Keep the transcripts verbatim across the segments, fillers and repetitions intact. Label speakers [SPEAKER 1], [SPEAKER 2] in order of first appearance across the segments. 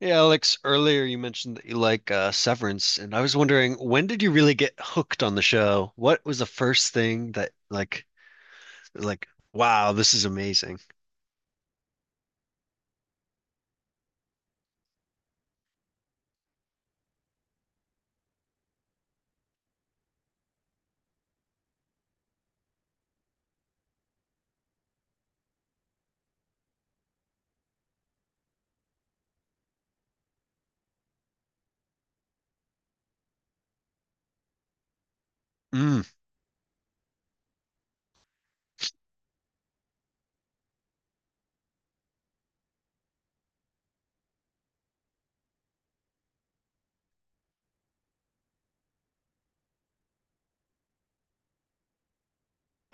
[SPEAKER 1] Yeah, Alex, earlier you mentioned that you like uh, Severance, and I was wondering, when did you really get hooked on the show? What was the first thing that like like wow, this is amazing. Mm.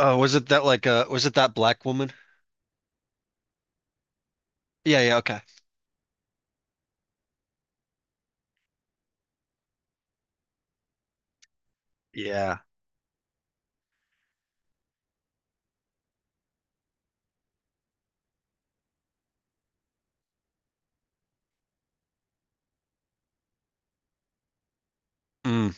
[SPEAKER 1] Oh, was it that like uh was it that black woman? Yeah, yeah, okay. Yeah. Mm.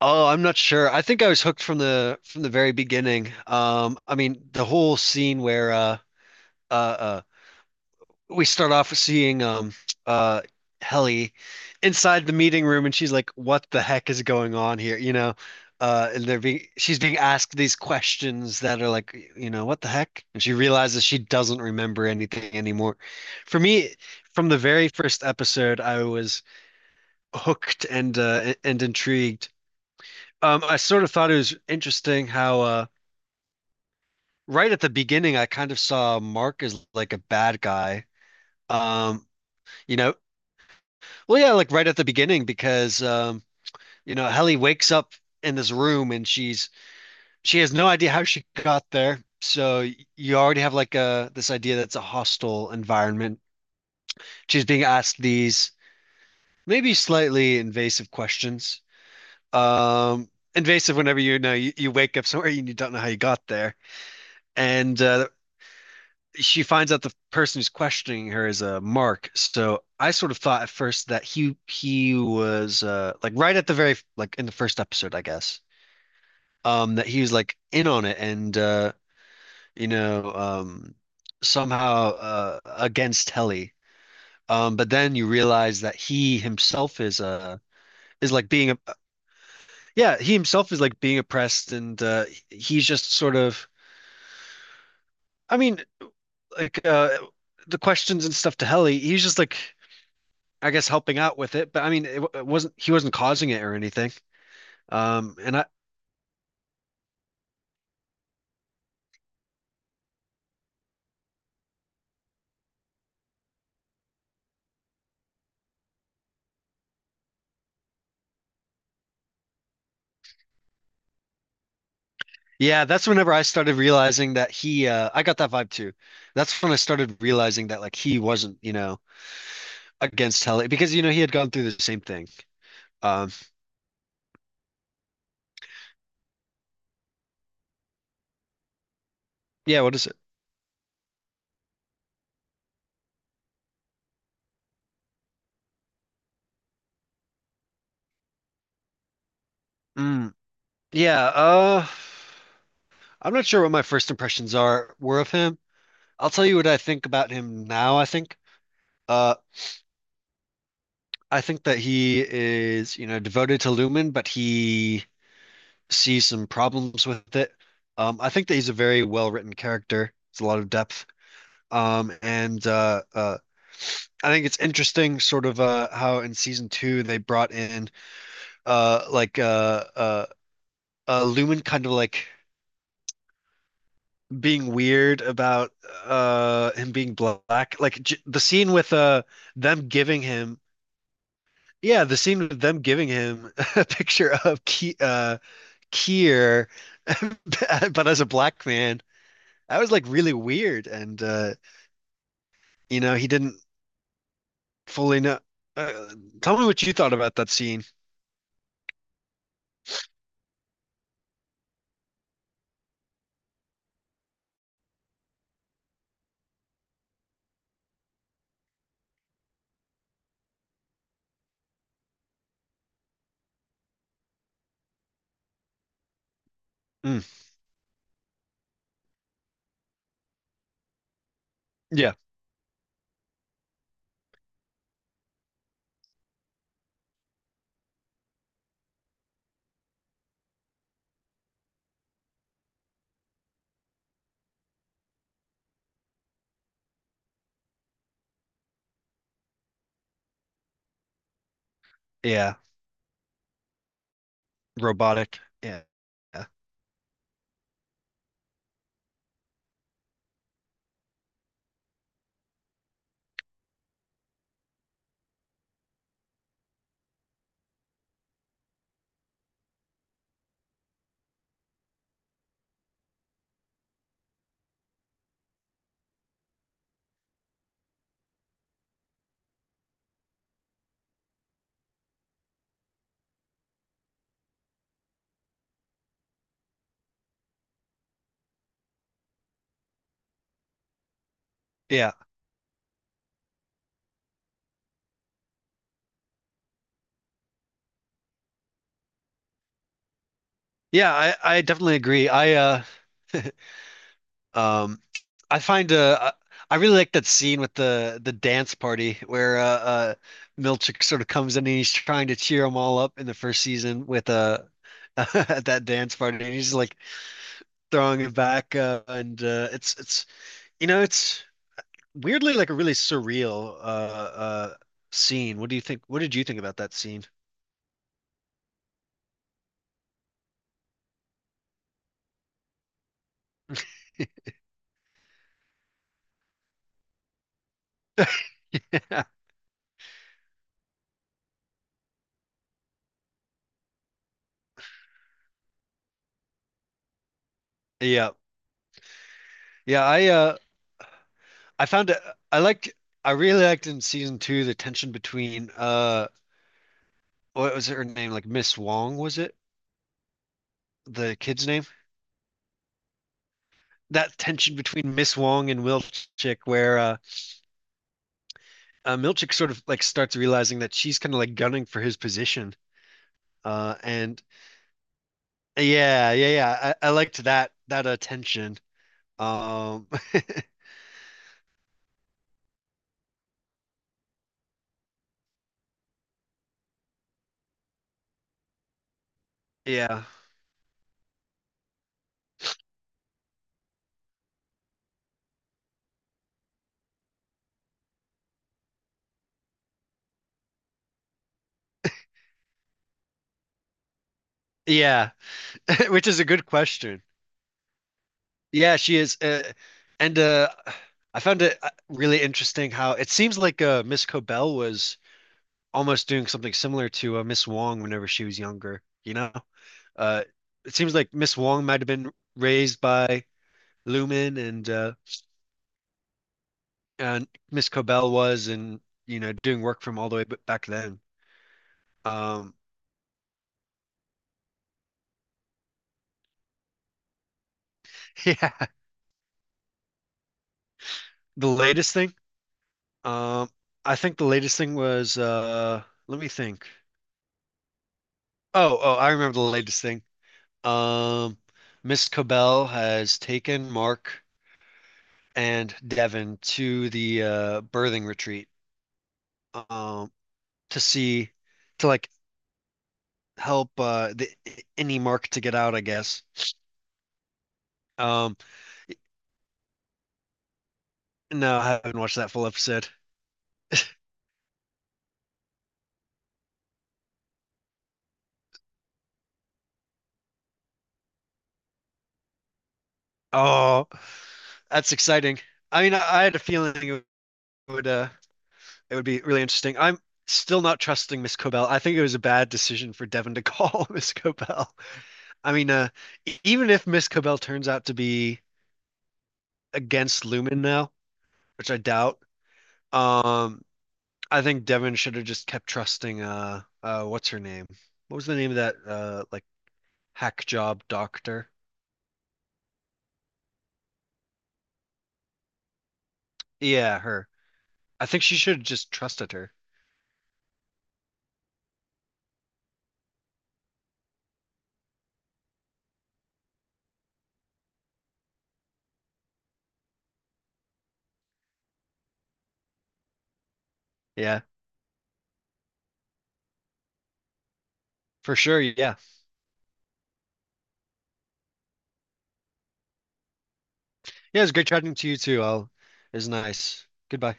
[SPEAKER 1] Oh, I'm not sure. I think I was hooked from the from the very beginning. Um, I mean, the whole scene where uh uh, uh, we start off seeing um uh Helly inside the meeting room and she's like, what the heck is going on here? You know, uh and they're being she's being asked these questions that are like, you know, what the heck? And she realizes she doesn't remember anything anymore. For me, from the very first episode, I was hooked and uh and intrigued. Um, I sort of thought it was interesting how uh right at the beginning I kind of saw Mark as like a bad guy. Um, you know, Well, yeah, like right at the beginning because um, you know, Helly wakes up in this room and she's she has no idea how she got there. So y- you already have like a this idea that's a hostile environment. She's being asked these maybe slightly invasive questions. Um, Invasive whenever you know you, you wake up somewhere and you don't know how you got there. And uh, she finds out the person who's questioning her is a uh, Mark. So I sort of thought at first that he he was uh like right at the very like in the first episode, I guess. Um that he was like in on it and uh you know um somehow uh against Helly. Um but then you realize that he himself is uh is like being a yeah, he himself is like being oppressed and uh he's just sort of I mean like uh the questions and stuff to Helly, he's just like, I guess, helping out with it, but I mean, it, it wasn't he wasn't causing it or anything. Um, and I Yeah, that's whenever I started realizing that he uh I got that vibe too. That's when I started realizing that like he wasn't, you know, against Hell because you know he had gone through the same thing. Um, yeah, what is it? Mm, yeah, uh I'm not sure what my first impressions are were of him. I'll tell you what I think about him now, I think. Uh I think that he is, you know, devoted to Lumen, but he see some problems with it. Um, I think that he's a very well-written character. It's a lot of depth. Um, and uh, uh, I think it's interesting, sort of uh, how in season two they brought in uh, like uh, uh, uh, Lumen kind of like being weird about uh, him being black. Like j the scene with uh, them giving him. Yeah, the scene with them giving him a picture of Ki uh, Kier, but as a black man. That was like really weird, and uh, you know, he didn't fully know. Uh, tell me what you thought about that scene. Mm, yeah, yeah, robotic. Yeah, yeah, yeah, yeah. I I definitely agree. I uh um I find uh I really like that scene with the the dance party where uh, uh Milchick sort of comes in and he's trying to cheer them all up in the first season with uh at that dance party, and he's like throwing it back, uh, and uh, it's it's you know, it's weirdly like a really surreal uh uh scene. What do you think? What did you think about that scene? Yeah. Yeah, I uh I found it I liked I really liked in season two the tension between uh, what was her name? Like Miss Wong, was it? The kid's name? That tension between Miss Wong and Milchick where uh, uh Milchick sort of like starts realizing that she's kind of like gunning for his position. Uh and Yeah, yeah, yeah. I, I liked that that uh, tension. Um, yeah. Yeah. Which is a good question. Yeah, she is. Uh, and uh, I found it uh, really interesting how it seems like uh, Miss Cobell was almost doing something similar to uh, Miss Wong whenever she was younger, you know? Uh, it seems like Miss Wong might have been raised by Lumen and uh, and Miss Cobell was, and, you know, doing work from all the way b- back then. Um, yeah, the latest thing. Um, I think the latest thing was uh, let me think. Oh, oh, I remember the latest thing. Um, Miss Cobell has taken Mark and Devin to the uh, birthing retreat, um, to see, to like, help uh, the any Mark to get out, I guess. Um, no, I haven't watched that full episode. Oh, that's exciting. I mean, I, I had a feeling it would uh, it would be really interesting. I'm still not trusting Miss Cobell. I think it was a bad decision for Devin to call Miss Cobell. I mean, uh, e- even if Miss Cobell turns out to be against Lumen now, which I doubt. Um, I think Devin should have just kept trusting uh uh what's her name? What was the name of that uh like hack job doctor? Yeah, her. I think she should have just trusted her. Yeah, for sure. Yeah. Yeah, it's great chatting to you too. I'll, it was nice. Goodbye.